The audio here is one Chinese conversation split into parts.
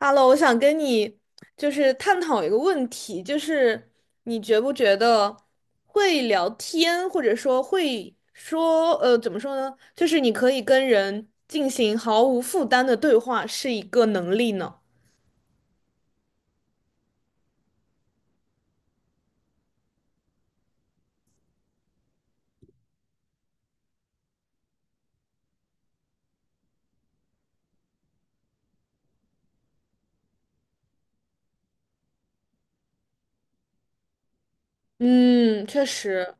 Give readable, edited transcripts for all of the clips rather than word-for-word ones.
我想跟你就是探讨一个问题，就是你觉不觉得会聊天，或者说会说，怎么说呢？就是你可以跟人进行毫无负担的对话，是一个能力呢？嗯，确实。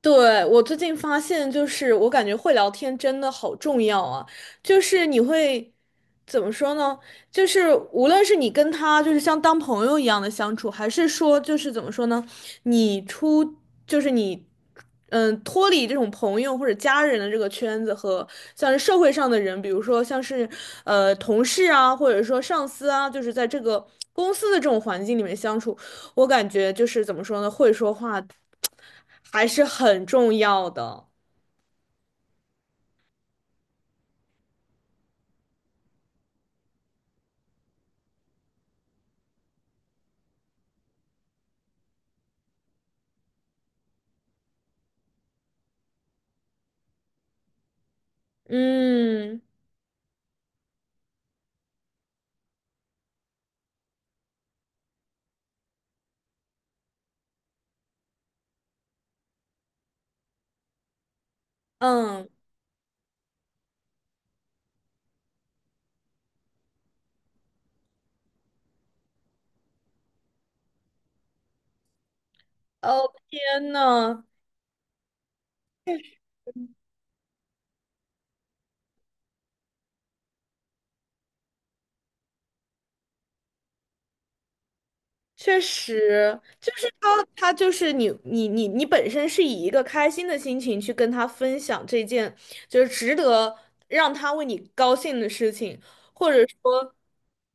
对，我最近发现，就是我感觉会聊天真的好重要啊！就是你会怎么说呢？就是无论是你跟他就是像当朋友一样的相处，还是说就是怎么说呢？你出就是你，嗯，脱离这种朋友或者家人的这个圈子和像是社会上的人，比如说像是同事啊，或者说上司啊，就是在这个公司的这种环境里面相处，我感觉就是怎么说呢？会说话还是很重要的。嗯嗯，哦天呐，确实，就是他就是你本身是以一个开心的心情去跟他分享这件，就是值得让他为你高兴的事情，或者说，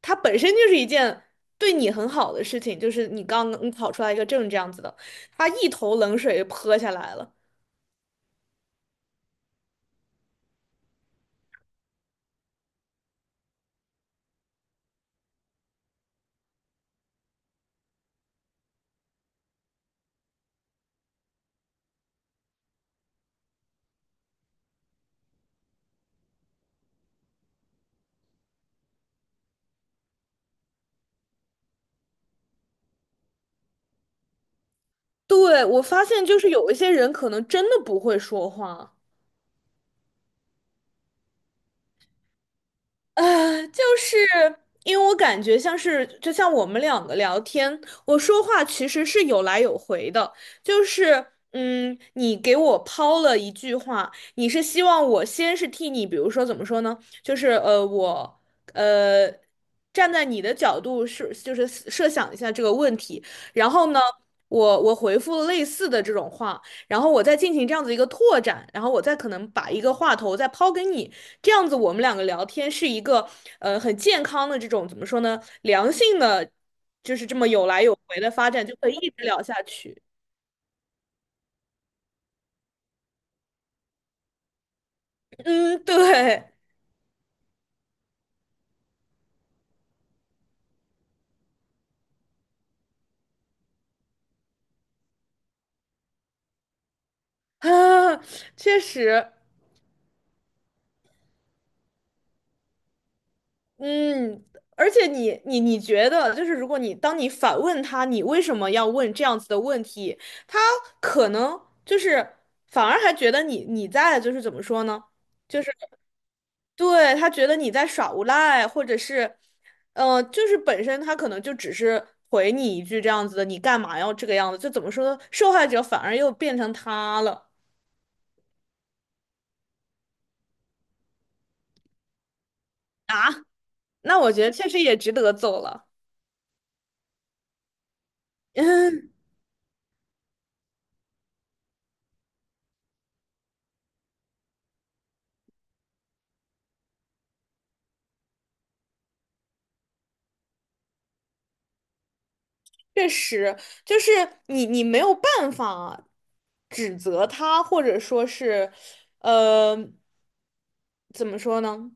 他本身就是一件对你很好的事情，就是你刚刚考出来一个证这样子的，他一头冷水泼下来了。对，我发现就是有一些人可能真的不会说话。就是因为我感觉像是，就像我们两个聊天，我说话其实是有来有回的，就是。嗯，你给我抛了一句话，你是希望我先是替你，比如说怎么说呢？就是我呃，站在你的角度是，就是设想一下这个问题，然后呢，我回复类似的这种话，然后我再进行这样子一个拓展，然后我再可能把一个话头再抛给你，这样子我们两个聊天是一个很健康的这种怎么说呢，良性的，就是这么有来有回的发展，就可以一直聊下去。嗯，对 啊，确实，嗯，而且你觉得就是如果你反问他，你为什么要问这样子的问题，他可能就是反而还觉得你在就是怎么说呢？就是。对，他觉得你在耍无赖，或者是，就是本身他可能就只是回你一句这样子的，你干嘛要这个样子？就怎么说呢？受害者反而又变成他了。啊，那我觉得确实也值得走了。嗯，确实，就是你没有办法指责他，或者说是，呃，怎么说呢？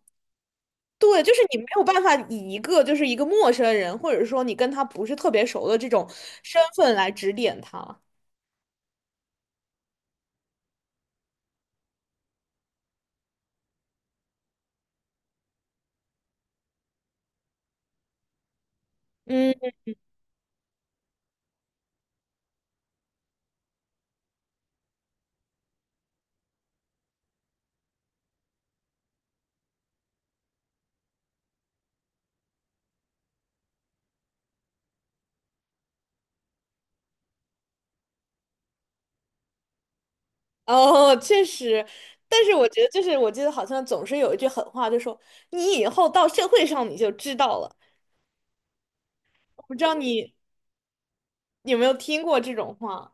对，就是你没有办法以一个就是一个陌生人，或者说你跟他不是特别熟的这种身份来指点他。嗯，哦，确实，但是我觉得就是我记得好像总是有一句狠话，就说你以后到社会上你就知道了。我不知道你有没有听过这种话。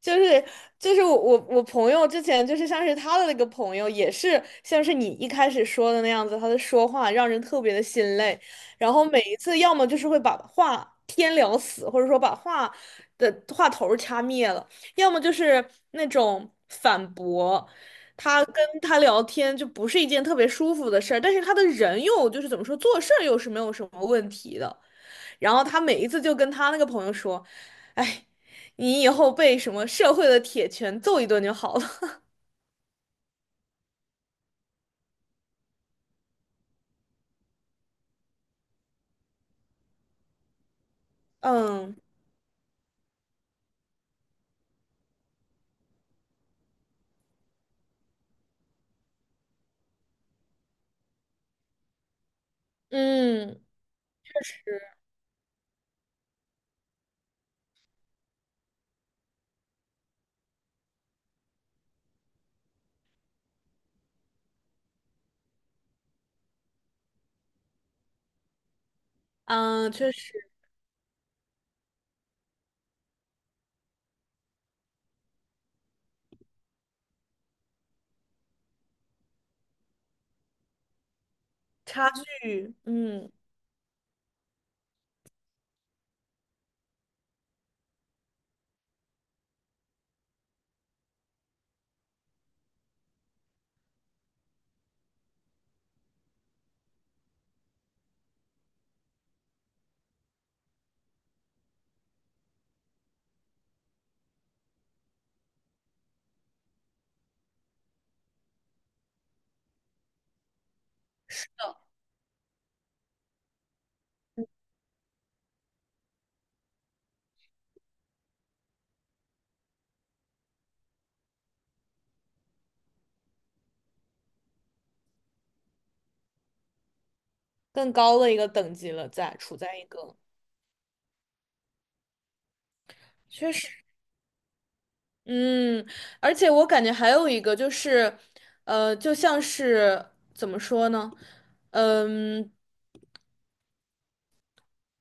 就是我朋友之前就是像是他的那个朋友，也是像是你一开始说的那样子，他的说话让人特别的心累，然后每一次要么就是会把话天聊死，或者说把话的话头儿掐灭了，要么就是那种反驳。他跟他聊天就不是一件特别舒服的事儿，但是他的人又就是怎么说，做事儿又是没有什么问题的。然后他每一次就跟他那个朋友说：“哎，你以后被什么社会的铁拳揍一顿就好了。” 嗯嗯，确实，嗯，确实，差距，嗯，是更高的一个等级了在，处在一个确实，嗯，而且我感觉还有一个就是，就像是怎么说呢，嗯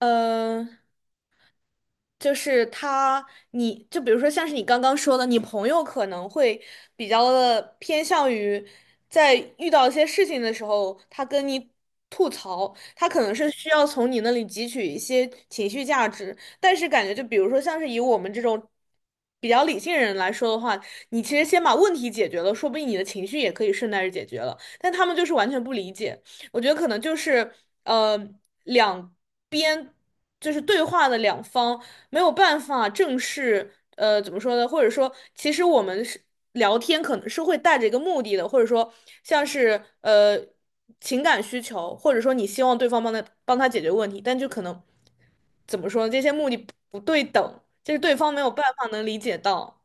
呃。就是他，你就比如说像是你刚刚说的，你朋友可能会比较的偏向于在遇到一些事情的时候，他跟你吐槽，他可能是需要从你那里汲取一些情绪价值，但是感觉就比如说像是以我们这种比较理性人来说的话，你其实先把问题解决了，说不定你的情绪也可以顺带着解决了，但他们就是完全不理解，我觉得可能就是呃两边就是对话的两方。没有办法正式，怎么说呢？或者说，其实我们是聊天，可能是会带着一个目的的，或者说像是情感需求，或者说你希望对方帮他解决问题，但就可能怎么说呢？这些目的不对等，就是对方没有办法能理解到。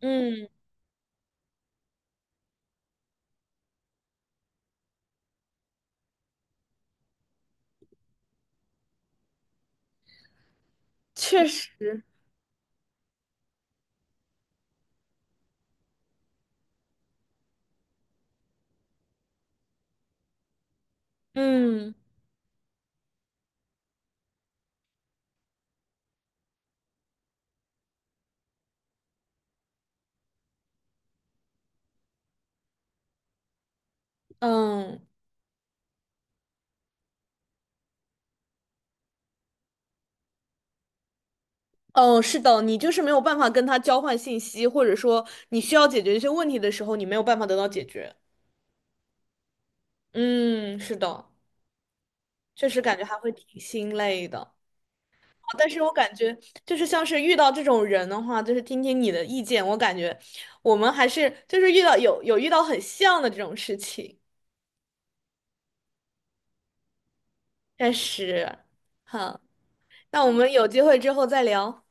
嗯，确实，嗯嗯。哦，是的，你就是没有办法跟他交换信息，或者说你需要解决一些问题的时候，你没有办法得到解决。嗯，是的。确实感觉还会挺心累的。啊但是我感觉就是像是遇到这种人的话，就是听听你的意见，我感觉我们还是就是遇到很像的这种事情，但是好，那我们有机会之后再聊，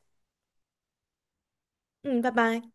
嗯，拜拜。